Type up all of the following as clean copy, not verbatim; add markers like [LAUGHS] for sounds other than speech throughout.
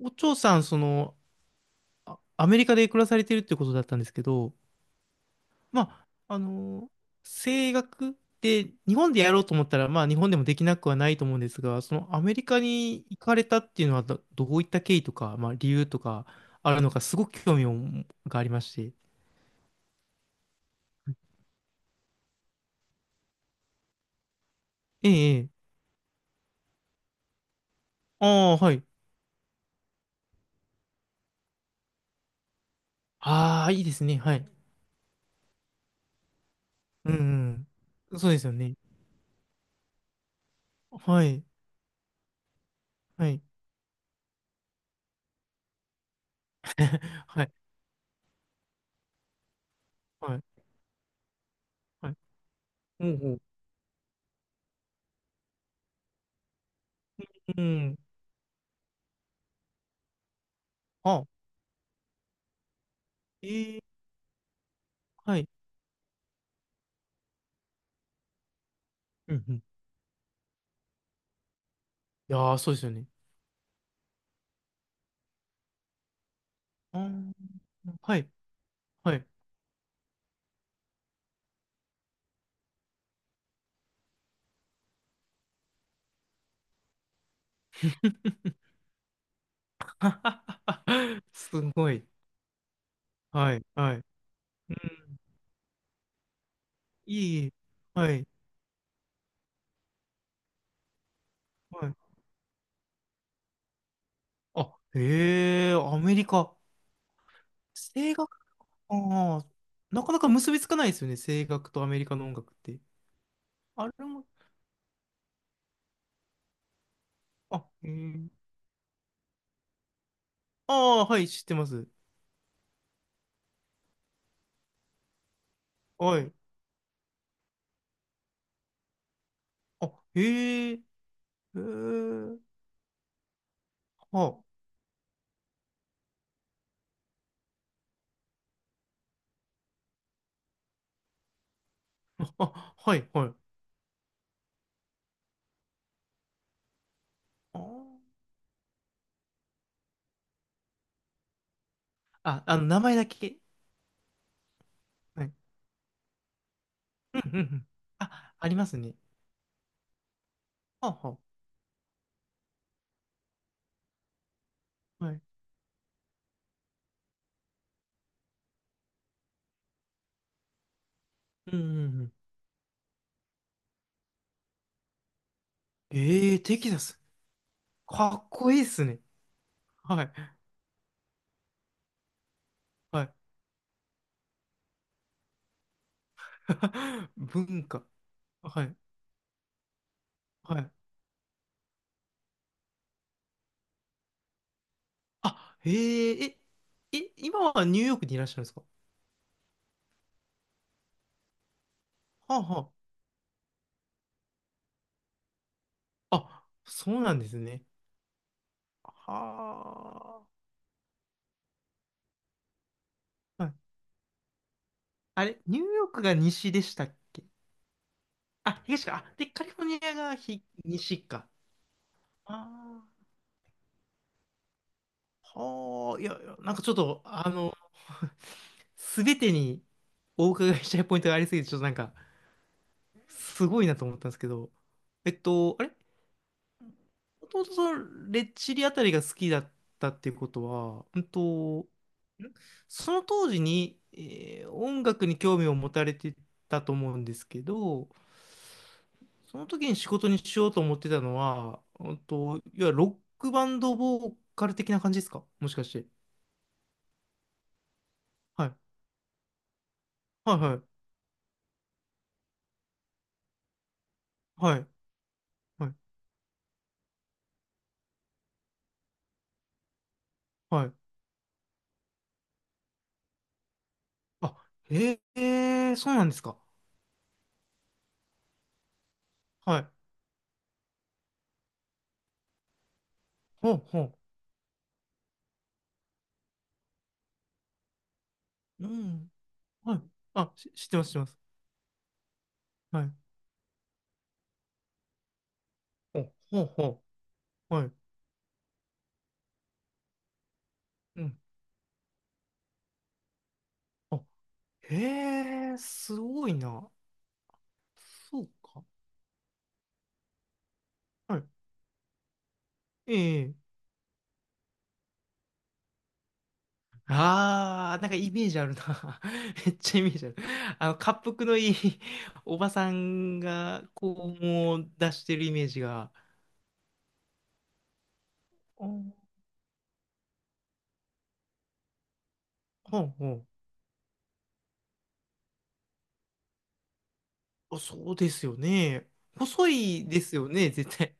お嬢さん、アメリカで暮らされてるってことだったんですけど、まあ、声楽って日本でやろうと思ったら、まあ、日本でもできなくはないと思うんですが、そのアメリカに行かれたっていうのはどういった経緯とか、まあ、理由とかあるのか、すごく興味をがありまして。ええ、ええ。ああ、はい。ああ、いいですね。はい。うん、うん。そうですよね。はい。はい。[LAUGHS] はい。はい。はい。ほうほう。うん。あ、ええ、はい。うんうん、いやー、そうですよね。うん。はい、はい。[LAUGHS] すごい。はい、はい。うん、いい、いいはい、はい。あ、へえ、アメリカ。声楽、ああ、なかなか結びつかないですよね。声楽とアメリカの音楽って。あれも、あ、へえ。ああ、はい、知ってます。はい。あ、へえ、へえ、はあ、あ、[LAUGHS] はい、はい。あー、名前だけ。はい。うん、うん、うん。あ、ありますね。はあははい。うんうんうん。ええー、テキサス。かっこいいっすね。はい。はい。[LAUGHS] 文化。はい。はい。あ、えええ、え、今はニューヨークにいらっしゃるんですか？はあはあ。あ、そうなんですね。はあ。はい。あれ、ニューヨークが西でしたっけ？あ、東か。あ、で、カリフォルニアが西か。ああ。はあ。いや、いや、なんかちょっと、[LAUGHS] すべてにお伺いしたいポイントがありすぎて、ちょっとなんか、すごいなと思ったんですけど、あれ、もともとそのレッチリあたりが好きだったっていうことは、んその当時に、音楽に興味を持たれてたと思うんですけど、その時に仕事にしようと思ってたのは、いわゆるロックバンドボーカル的な感じですか、もしかして？はい。はいはい。はい。はい。はい。あ、へえ、そうなんですか。はい。ほうほう。うん。はい。あ、知ってます、知ってます。はい。お、ほうほう。はい。うん。あ、へえ、すごいな。そうか。はい。ええ。ああ、なんかイメージあるな。[LAUGHS] めっちゃイメージある。あの、恰幅のいい [LAUGHS] おばさんが、こう、もう出してるイメージが。あー、ほうほう。あ、そうですよね。細いですよね、絶対。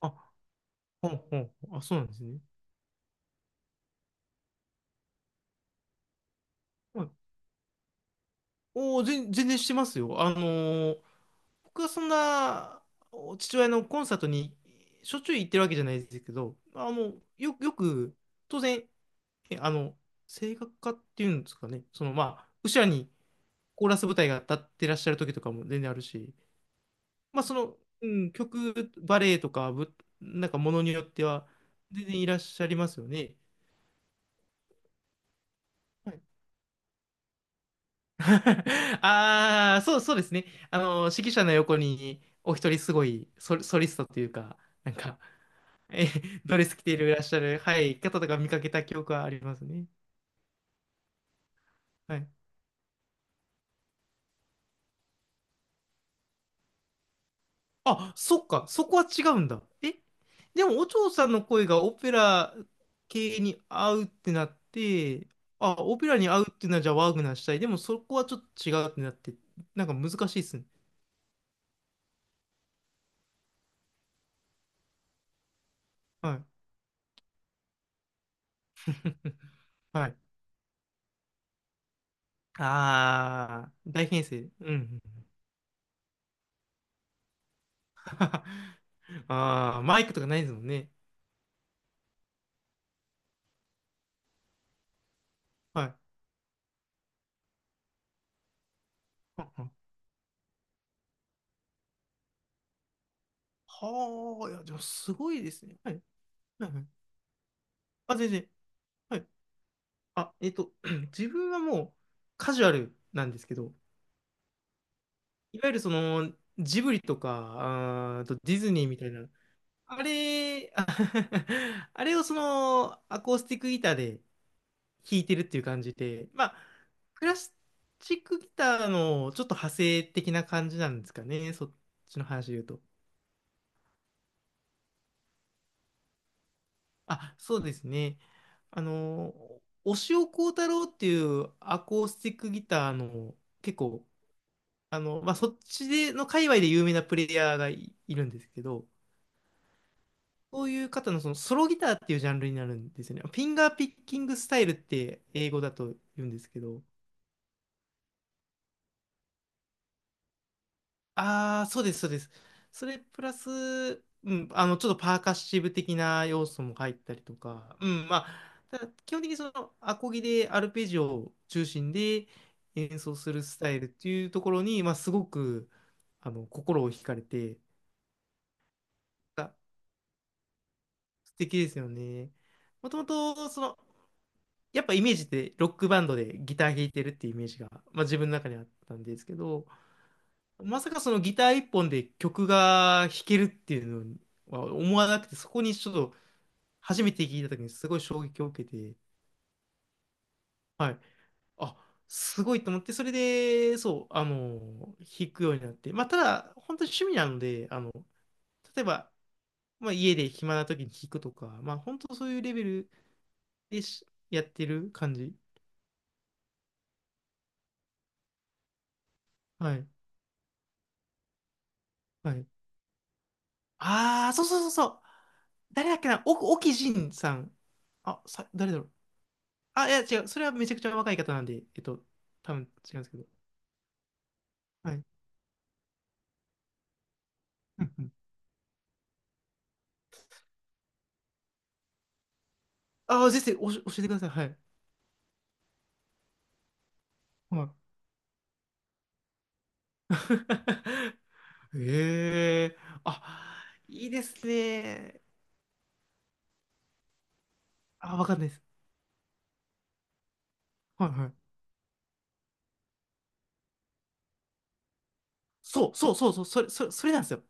あ、ほうほう。あ、そうなんですね。はい。おお、全然してますよ。僕はそんな父親のコンサートにしょっちゅう行ってるわけじゃないですけど、よく、当然、えあの、声楽家っていうんですかね、まあ、後ろにコーラス部隊が立ってらっしゃる時とかも全然あるし、まあ、曲、バレエとか、なんかものによっては、全然いらっしゃいますよね。はい。 [LAUGHS] ああ、そう、そうですね。あの、指揮者の横に、お一人すごいソリストというか、なんか、え、[LAUGHS] ドレス着ていらっしゃる、はい、方とか見かけた記憶はありますね。はい。あ、そっか、そこは違うんだ。え、でも、お嬢さんの声がオペラ系に合うってなって、あ、オペラに合うっていうのは、じゃあワーグナーしたい。でも、そこはちょっと違うってなって、なんか難しいっすね。はい。はい。あー、大編成。うん。[LAUGHS] あー、マイクとかないですもんね。はい。はあ、はあ、いや、でもすごいですね。はい。はいはい、あ、全然。はい、あ、[CLEARS THROAT] 自分はもうカジュアルなんですけど、いわゆるそのジブリとか、あー、あとディズニーみたいな、あれ、あ、 [LAUGHS] あれをそのアコースティックギターで弾いてるっていう感じで、まあ、クラシックギターのちょっと派生的な感じなんですかね、そっちの話で言うと。あ、そうですね。あの、押尾コ太郎っていうアコースティックギターの結構まあ、そっちでの界隈で有名なプレイヤーがいるんですけど、そういう方のそのソロギターっていうジャンルになるんですよね。フィンガーピッキングスタイルって英語だと言うんですけど、ああ、そうです、そうです。それプラス、ちょっとパーカッシブ的な要素も入ったりとか、まあ、ただ基本的にそのアコギでアルペジオを中心で演奏するスタイルっていうところに、まあ、すごく心を惹かれて、あ、素敵ですよね。もともと、やっぱイメージってロックバンドでギター弾いてるっていうイメージが、まあ、自分の中にあったんですけど、まさかそのギター一本で曲が弾けるっていうのは思わなくて、そこにちょっと初めて聞いた時にすごい衝撃を受けて、はい。あ、すごいと思って、それで、そう、弾くようになって、まあ、ただ、本当に趣味なので、例えば、まあ、家で暇な時に弾くとか、まあ、本当そういうレベルでしやってる感じ。はいはい。ああ、そうそうそうそう。誰だっけな、お、沖仁さん。あ、誰だろう。あ、いや、違う。それはめちゃくちゃ若い方なんで、多分違うんですけど。はい。うんうん、ああ、ぜひ、教えてください。はい。はい。[LAUGHS] へえ。あ、いいですね。あ、わかんないです。はいはい。そうそうそうそう、それ、それ、それなんですよ。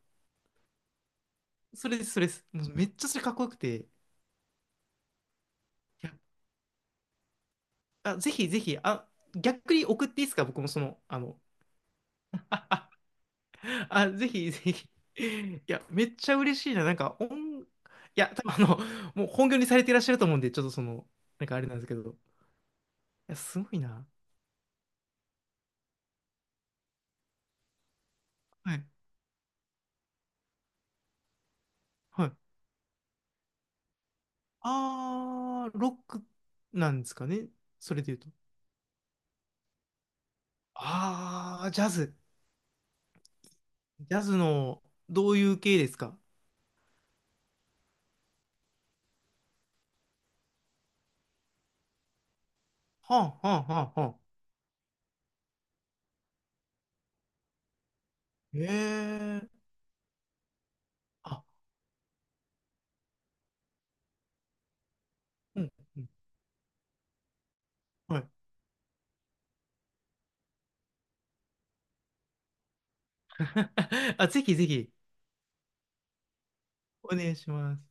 それです、それです。もうめっちゃそれかっこよくて。いや、あ、ぜひぜひ、あ、逆に送っていいですか？僕も[LAUGHS] [LAUGHS] あ、ぜひぜひ。いや、めっちゃ嬉しいな。なんか、いや、多分もう本業にされていらっしゃると思うんで、ちょっとなんかあれなんですけど。いや、すごいな。はい。はい。あー、ロックなんですかね。それで言うと。あー、ジャズ。ジャズの、どういう系ですか？はあ、はあ、はあ、はあ。ええー。あ、うん、うん。はい。[LAUGHS] あ、ぜひぜひ、お願いします。